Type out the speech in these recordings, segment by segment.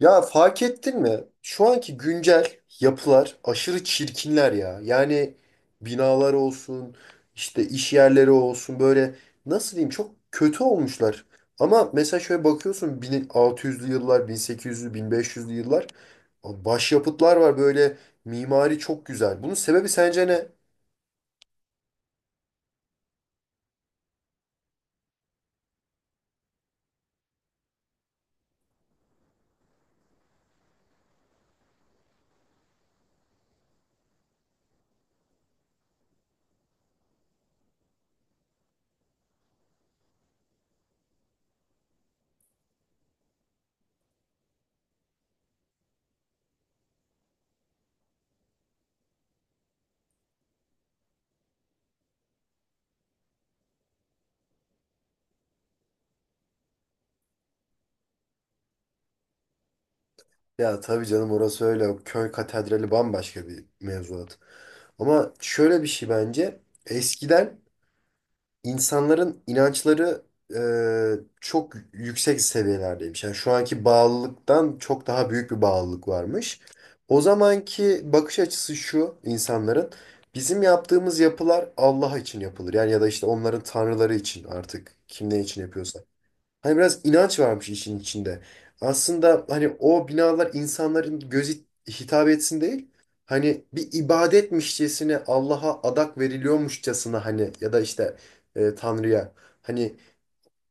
Ya fark ettin mi? Şu anki güncel yapılar aşırı çirkinler ya. Yani binalar olsun, işte iş yerleri olsun böyle nasıl diyeyim çok kötü olmuşlar. Ama mesela şöyle bakıyorsun 1600'lü yıllar, 1800'lü, 1500'lü yıllar başyapıtlar var böyle mimari çok güzel. Bunun sebebi sence ne? Ya tabii canım orası öyle. O Köy katedrali bambaşka bir mevzuat. Ama şöyle bir şey bence. Eskiden insanların inançları e, çok yüksek seviyelerdeymiş. Yani şu anki bağlılıktan çok daha büyük bir bağlılık varmış. O zamanki bakış açısı şu insanların bizim yaptığımız yapılar Allah için yapılır. Yani ya da işte onların tanrıları için artık kim ne için yapıyorsa. Hani biraz inanç varmış işin içinde. Aslında hani o binalar insanların gözü hitap etsin değil. Hani bir ibadetmişçesine Allah'a adak veriliyormuşçasına hani ya da işte Tanrı'ya. Hani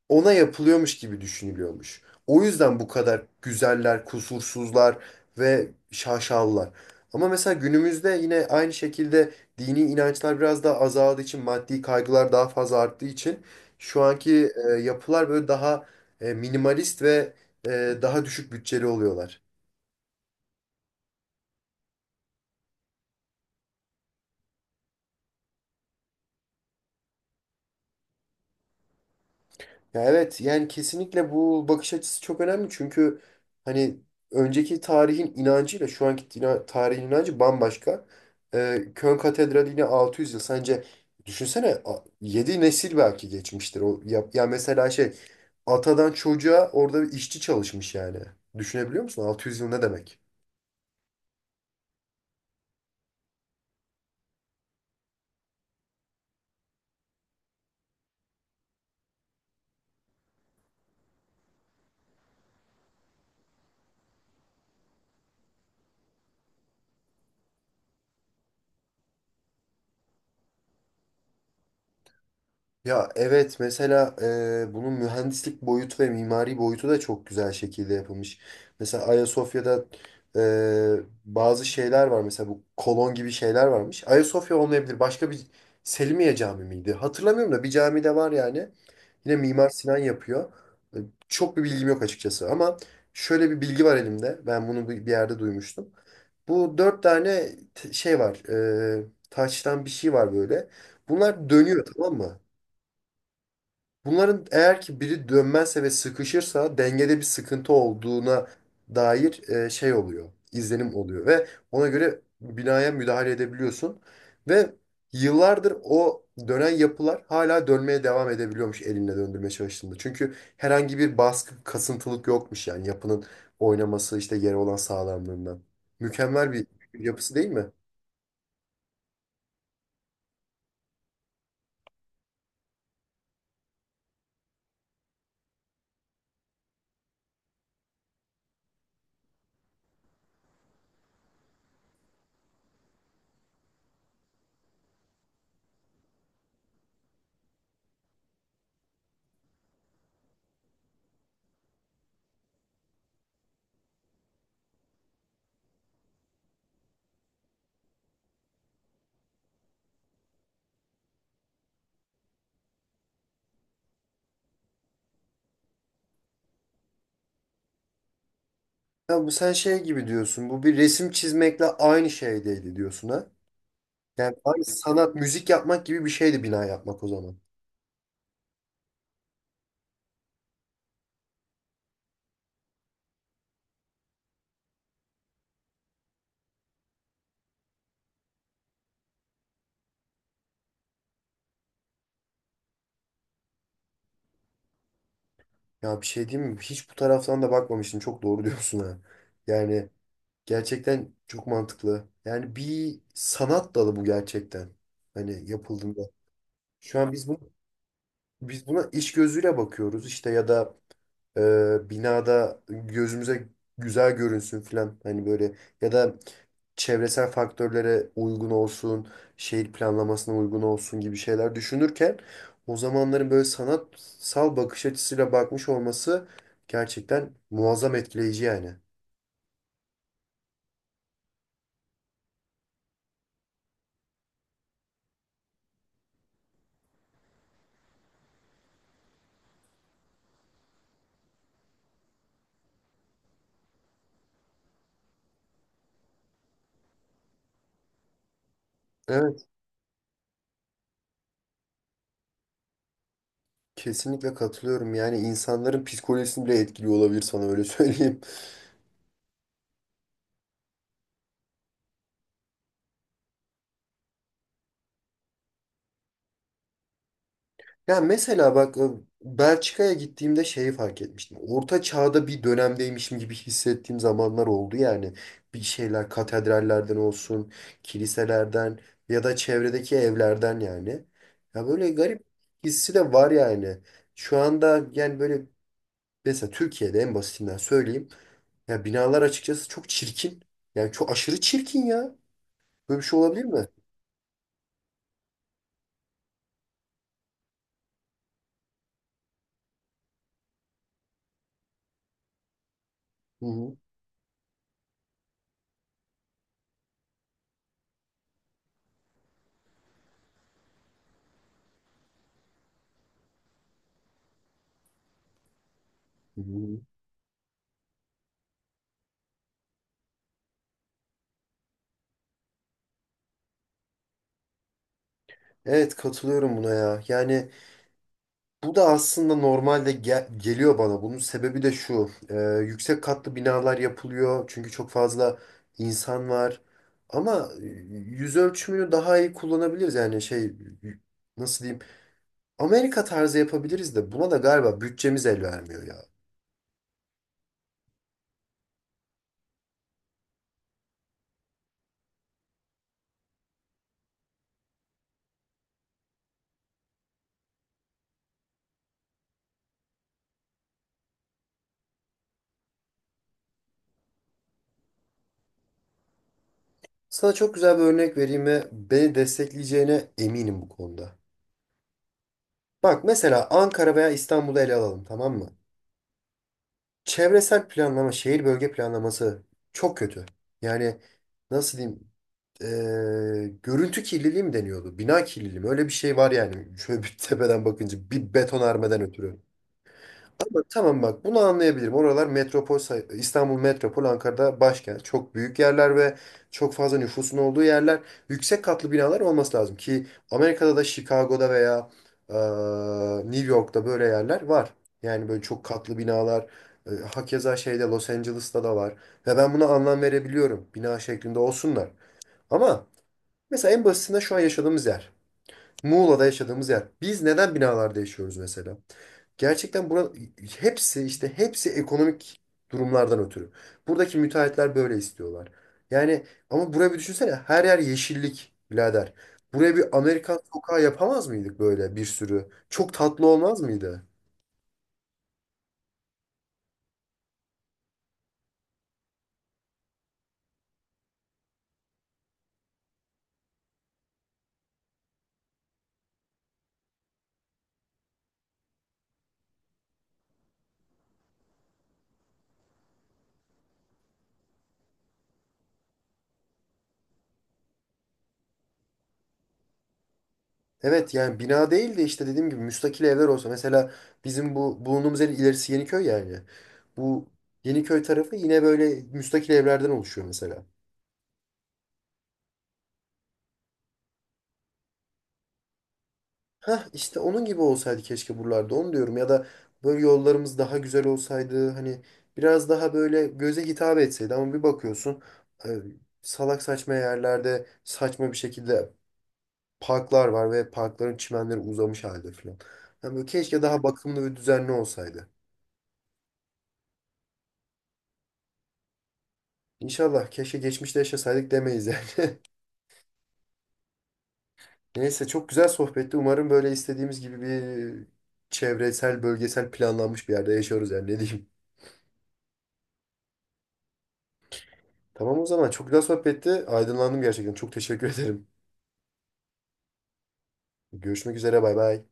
ona yapılıyormuş gibi düşünülüyormuş. O yüzden bu kadar güzeller, kusursuzlar ve şaşalılar. Ama mesela günümüzde yine aynı şekilde dini inançlar biraz daha azaldığı için, maddi kaygılar daha fazla arttığı için şu anki yapılar böyle daha minimalist ve daha düşük bütçeli oluyorlar. Ya evet yani kesinlikle bu bakış açısı çok önemli çünkü hani önceki tarihin inancıyla şu anki tarihin inancı bambaşka. Köln Katedrali yine 600 yıl. Sence düşünsene 7 nesil belki geçmiştir. O, ya, ya mesela şey atadan çocuğa orada bir işçi çalışmış yani. Düşünebiliyor musun? 600 yıl ne demek? Ya evet mesela bunun mühendislik boyutu ve mimari boyutu da çok güzel şekilde yapılmış. Mesela Ayasofya'da bazı şeyler var mesela bu kolon gibi şeyler varmış. Ayasofya olmayabilir başka bir Selimiye Camii miydi? Hatırlamıyorum da bir cami de var yani. Yine Mimar Sinan yapıyor. E, Çok bir bilgim yok açıkçası ama şöyle bir bilgi var elimde. Ben bunu bir yerde duymuştum. Bu dört tane şey var. E, taştan bir şey var böyle. Bunlar dönüyor tamam mı? Bunların eğer ki biri dönmezse ve sıkışırsa dengede bir sıkıntı olduğuna dair şey oluyor, izlenim oluyor ve ona göre binaya müdahale edebiliyorsun ve yıllardır o dönen yapılar hala dönmeye devam edebiliyormuş elinle döndürmeye çalıştığında. Çünkü herhangi bir baskı, kasıntılık yokmuş yani yapının oynaması işte yere olan sağlamlığından. Mükemmel bir yapısı değil mi? Ya bu sen şey gibi diyorsun. Bu bir resim çizmekle aynı şey değil diyorsun ha? Yani abi sanat, müzik yapmak gibi bir şeydi bina yapmak o zaman. Ya bir şey diyeyim mi? Hiç bu taraftan da bakmamıştım. Çok doğru diyorsun ha. Yani gerçekten çok mantıklı. Yani bir sanat dalı bu gerçekten. Hani yapıldığında. Şu an biz buna iş gözüyle bakıyoruz işte ya da binada gözümüze güzel görünsün filan. Hani böyle ya da çevresel faktörlere uygun olsun, şehir planlamasına uygun olsun gibi şeyler düşünürken o zamanların böyle sanatsal bakış açısıyla bakmış olması gerçekten muazzam etkileyici yani. Evet, kesinlikle katılıyorum. Yani insanların psikolojisini bile etkiliyor olabilir sana öyle söyleyeyim. Ya mesela bak Belçika'ya gittiğimde şeyi fark etmiştim. Orta çağda bir dönemdeymişim gibi hissettiğim zamanlar oldu yani. Bir şeyler katedrallerden olsun, kiliselerden ya da çevredeki evlerden yani. Ya böyle garip hissi de var yani. Şu anda yani böyle mesela Türkiye'de en basitinden söyleyeyim. Ya binalar açıkçası çok çirkin. Yani çok aşırı çirkin ya. Böyle bir şey olabilir mi? Hı hı. Hı hı. Evet katılıyorum buna ya. Yani bu da aslında normalde geliyor bana. Bunun sebebi de şu. Yüksek katlı binalar yapılıyor. Çünkü çok fazla insan var. Ama yüz ölçümünü daha iyi kullanabiliriz. Yani şey y- nasıl diyeyim? Amerika tarzı yapabiliriz de buna da galiba bütçemiz el vermiyor ya. Sana çok güzel bir örnek vereyim ve beni destekleyeceğine eminim bu konuda. Bak mesela Ankara veya İstanbul'u ele alalım tamam mı? Çevresel planlama, şehir bölge planlaması çok kötü. Yani nasıl diyeyim? Görüntü kirliliği mi deniyordu? Bina kirliliği mi? Öyle bir şey var yani. Şöyle bir tepeden bakınca bir betonarmeden ötürü. Ama tamam bak bunu anlayabilirim. Oralar metropol, İstanbul metropol, Ankara'da başkent. Çok büyük yerler ve çok fazla nüfusun olduğu yerler. Yüksek katlı binalar olması lazım ki Amerika'da da Chicago'da veya New York'ta böyle yerler var. Yani böyle çok katlı binalar. Hakeza şeyde Los Angeles'ta da var. Ve ben buna anlam verebiliyorum. Bina şeklinde olsunlar. Ama mesela en basitinden şu an yaşadığımız yer. Muğla'da yaşadığımız yer. Biz neden binalarda yaşıyoruz mesela? Gerçekten bura hepsi işte hepsi ekonomik durumlardan ötürü. Buradaki müteahhitler böyle istiyorlar. Yani ama buraya bir düşünsene her yer yeşillik birader. Buraya bir Amerikan sokağı yapamaz mıydık böyle bir sürü? Çok tatlı olmaz mıydı? Evet yani bina değil de işte dediğim gibi müstakil evler olsa. Mesela bizim bu bulunduğumuz yerin ilerisi Yeniköy yani. Bu Yeniköy tarafı yine böyle müstakil evlerden oluşuyor mesela. Hah işte onun gibi olsaydı keşke buralarda onu diyorum. Ya da böyle yollarımız daha güzel olsaydı. Hani biraz daha böyle göze hitap etseydi. Ama bir bakıyorsun e, salak saçma yerlerde saçma bir şekilde parklar var ve parkların çimenleri uzamış halde falan. Yani böyle keşke daha bakımlı ve düzenli olsaydı. İnşallah keşke geçmişte yaşasaydık demeyiz yani. Neyse çok güzel sohbetti. Umarım böyle istediğimiz gibi bir çevresel, bölgesel planlanmış bir yerde yaşıyoruz yani ne diyeyim. Tamam o zaman çok güzel sohbetti. Aydınlandım gerçekten. Çok teşekkür ederim. Görüşmek üzere bay bay.